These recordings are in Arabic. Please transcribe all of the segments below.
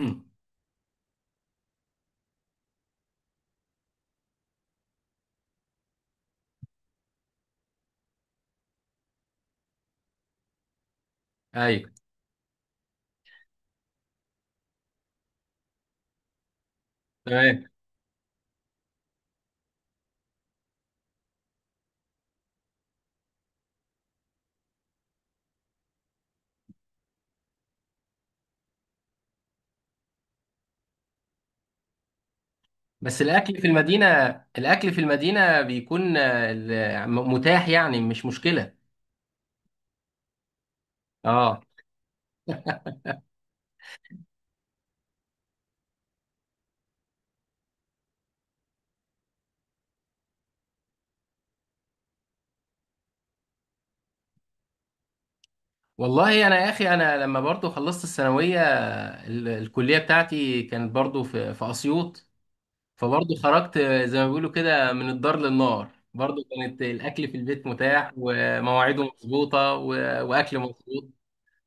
مم. ايوه، تمام. بس الاكل في المدينه، الاكل في المدينه بيكون متاح، يعني مش مشكله. اه، والله انا يا اخي، انا لما برضو خلصت الثانويه، الكليه بتاعتي كانت برضو في اسيوط، فبرضو خرجت. زي ما بيقولوا كده من الدار للنار، برضو كانت الاكل في البيت متاح ومواعيده مظبوطه واكل مظبوط.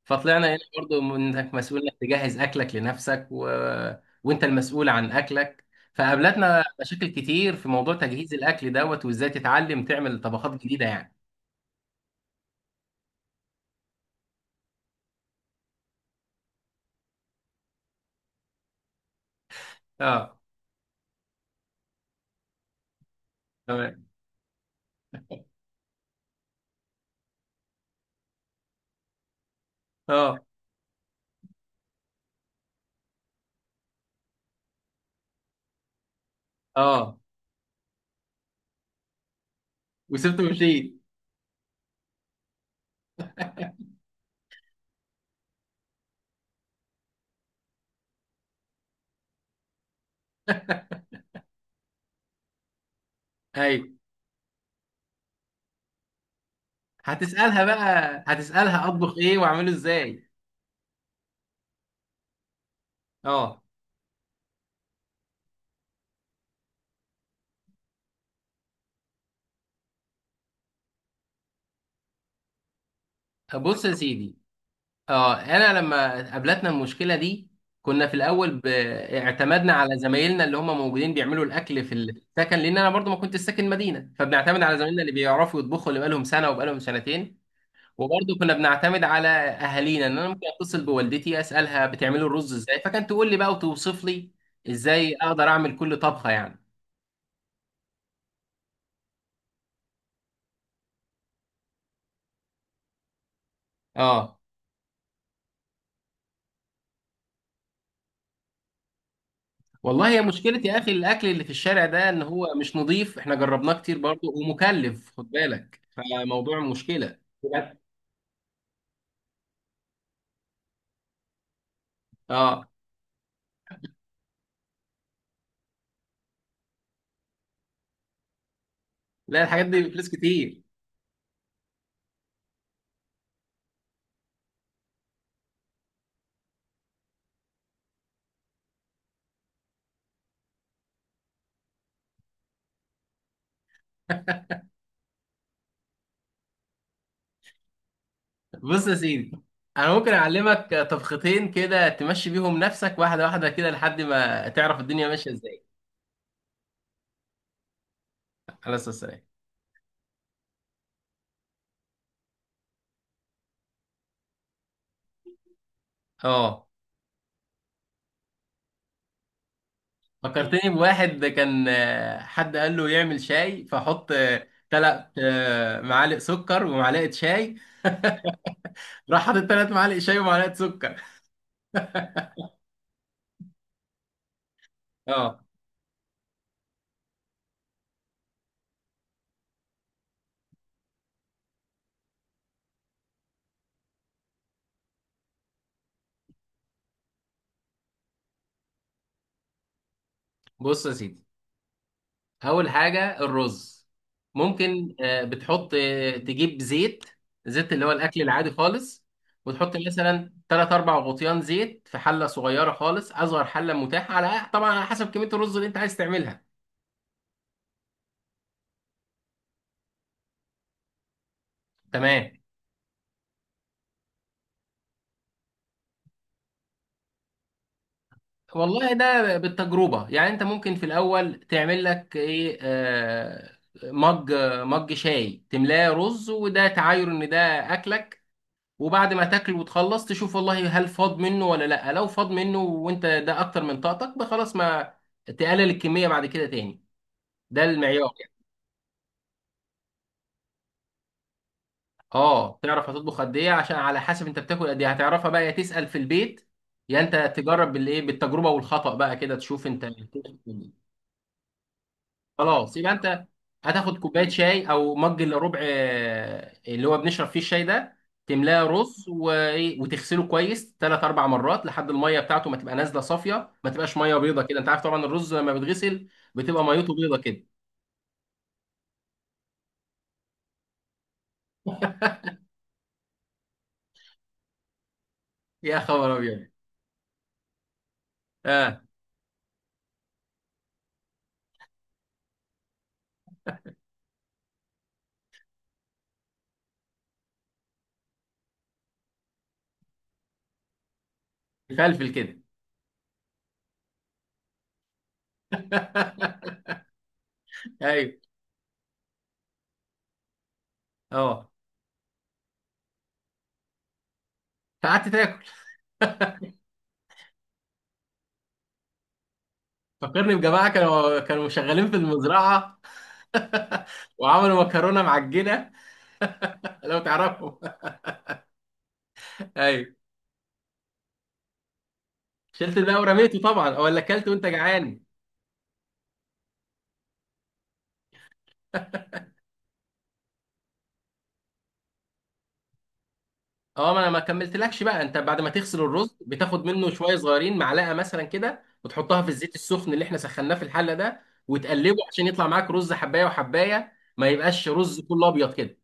فطلعنا هنا برضو من انك مسؤول انك تجهز اكلك لنفسك وانت المسؤول عن اكلك. فقابلتنا مشاكل كتير في موضوع تجهيز الاكل دوت، وازاي تتعلم تعمل طبخات جديده يعني. اه، تمام. اه، اه، وسبت ومشيت. ايوه، هتسالها بقى، هتسالها اطبخ ايه واعمله ازاي. اه، بص يا سيدي، اه، انا لما قابلتنا المشكله دي، كنا في الاول اعتمدنا على زمايلنا اللي هم موجودين بيعملوا الاكل في السكن، لان انا برضو ما كنت ساكن مدينه، فبنعتمد على زمايلنا اللي بيعرفوا يطبخوا، اللي بقالهم سنه وبقالهم سنتين. وبرضو كنا بنعتمد على اهالينا، ان انا ممكن اتصل بوالدتي اسالها بتعملوا الرز ازاي، فكانت تقول لي بقى وتوصف لي ازاي اقدر اعمل كل طبخه يعني. اه، والله هي مشكلة يا اخي، الاكل اللي في الشارع ده، ان هو مش نظيف، احنا جربناه كتير برضو ومكلف، خد بالك، فموضوع مشكله. اه، لا الحاجات دي بفلوس كتير. بص يا سيدي، انا ممكن اعلمك طبختين كده تمشي بيهم نفسك، واحده واحده كده، لحد ما تعرف الدنيا ماشيه ازاي. على اساس السلام. اه، فكرتني بواحد كان، حد قال له يعمل شاي، فحط تلات معالق سكر ومعلقه شاي، راح حاطط تلات معالق شاي ومعلقه سكر. اه، بص يا سيدي، اول حاجه الرز، ممكن بتحط، تجيب زيت، زيت اللي هو الاكل العادي خالص. وتحط مثلا 3 4 غطيان زيت في حله صغيره خالص، اصغر حله متاحه، على طبعا على حسب كميه الرز اللي انت عايز تعملها. تمام، والله ده بالتجربه، يعني انت ممكن في الاول تعمل لك ايه، مج، مج شاي تملاه رز، وده تعاير ان ده اكلك. وبعد ما تاكل وتخلص، تشوف والله هل فاض منه ولا لا. لو فاض منه وانت ده اكتر من طاقتك بقى، خلاص ما تقلل الكميه بعد كده تاني. ده المعيار يعني. اه، تعرف هتطبخ قد ايه، عشان على حسب انت بتاكل قد ايه هتعرفها بقى، يا تسال في البيت يا انت تجرب بالايه، بالتجربه والخطا بقى كده تشوف انت. خلاص، يبقى انت هتاخد كوبايه شاي او مج الا ربع، اللي هو بنشرب فيه الشاي ده، تملاه رز، وايه، وتغسله كويس ثلاث اربع مرات، لحد الميه بتاعته ما تبقى نازله صافيه، ما تبقاش ميه بيضه كده. انت عارف طبعا الرز لما بيتغسل بتبقى ميته بيضه كده. يا خبر ابيض. اه، فلفل كده. ايوه. اه، فقعدت تاكل. فكرني بجماعه كانوا شغالين في المزرعه، وعملوا مكرونه معجنه، لو تعرفهم. ايوه، شلت الباقي ورميته طبعا ولا اكلت وانت جعان. اه، ما انا ما كملتلكش بقى. انت بعد ما تغسل الرز، بتاخد منه شويه صغيرين، معلقه مثلا كده، وتحطها في الزيت السخن اللي احنا سخناه في الحله ده، وتقلبه عشان يطلع معاك رز حبايه وحبايه، ما يبقاش رز كله ابيض كده.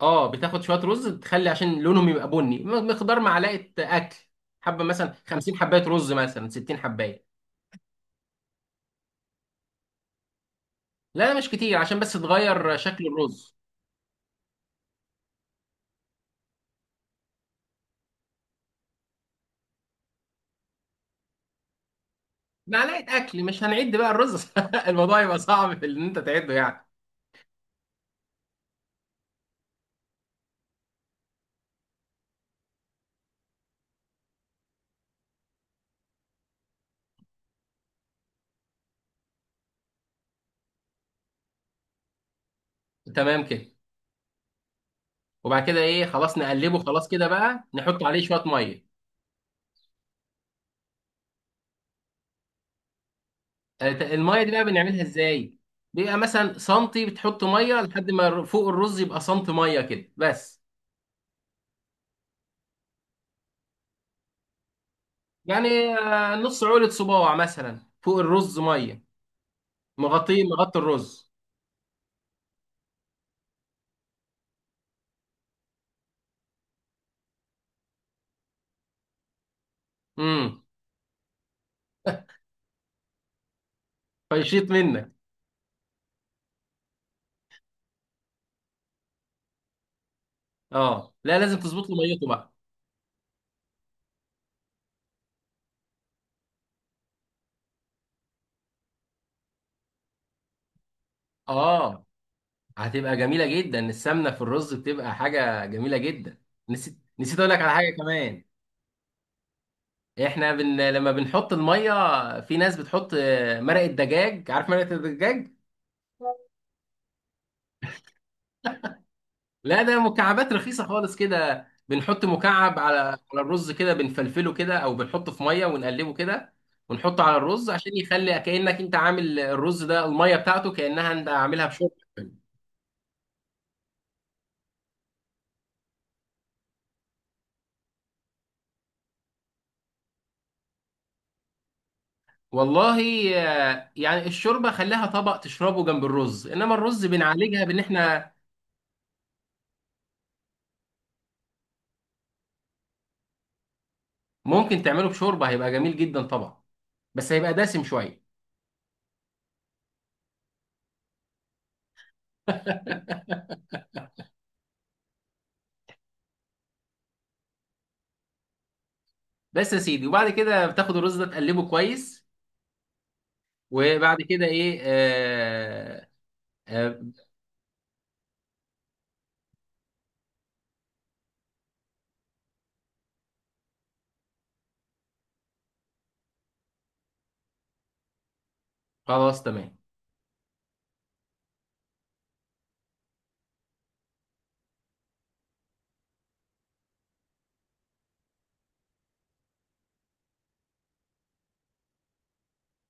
اه، بتاخد شويه رز تخلي عشان لونهم يبقى بني، مقدار معلقه اكل، حبه مثلا 50 حبايه رز مثلا 60 حبايه. لا مش كتير، عشان بس تغير شكل الرز. معلقه اكل، مش هنعد بقى الرز، الموضوع يبقى صعب في ان انت تعده يعني. تمام كده. وبعد كده ايه، خلاص نقلبه، خلاص كده بقى نحط عليه شويه ميه. الميه دي بقى بنعملها ازاي؟ بيبقى مثلا سنتي، بتحط ميه لحد ما فوق الرز يبقى سنتي ميه كده بس. يعني نص عولة صباع مثلا فوق الرز ميه، مغطيه، مغطي الرز. امم، فيشيط منك. اه لا، لازم تظبط له ميته بقى. اه، هتبقى جميله جدا السمنه في الرز، بتبقى حاجه جميله جدا. نسيت، نسيت اقول لك على حاجه كمان. لما بنحط الميه، في ناس بتحط مرقه دجاج، عارف مرقه الدجاج. لا ده مكعبات رخيصه خالص كده، بنحط مكعب على، على الرز كده، بنفلفله كده، او بنحطه في ميه ونقلبه كده، ونحطه على الرز، عشان يخلي كانك انت عامل الرز ده الميه بتاعته كانها انت عاملها بشوربه. والله يعني الشوربه خليها طبق تشربه جنب الرز، انما الرز بنعالجها بان احنا ممكن تعمله بشوربه، هيبقى جميل جدا طبعا، بس هيبقى دسم شويه. بس يا سيدي، وبعد كده بتاخد الرز ده تقلبه كويس، وبعد كده ايه، آه. آه، خلاص تمام.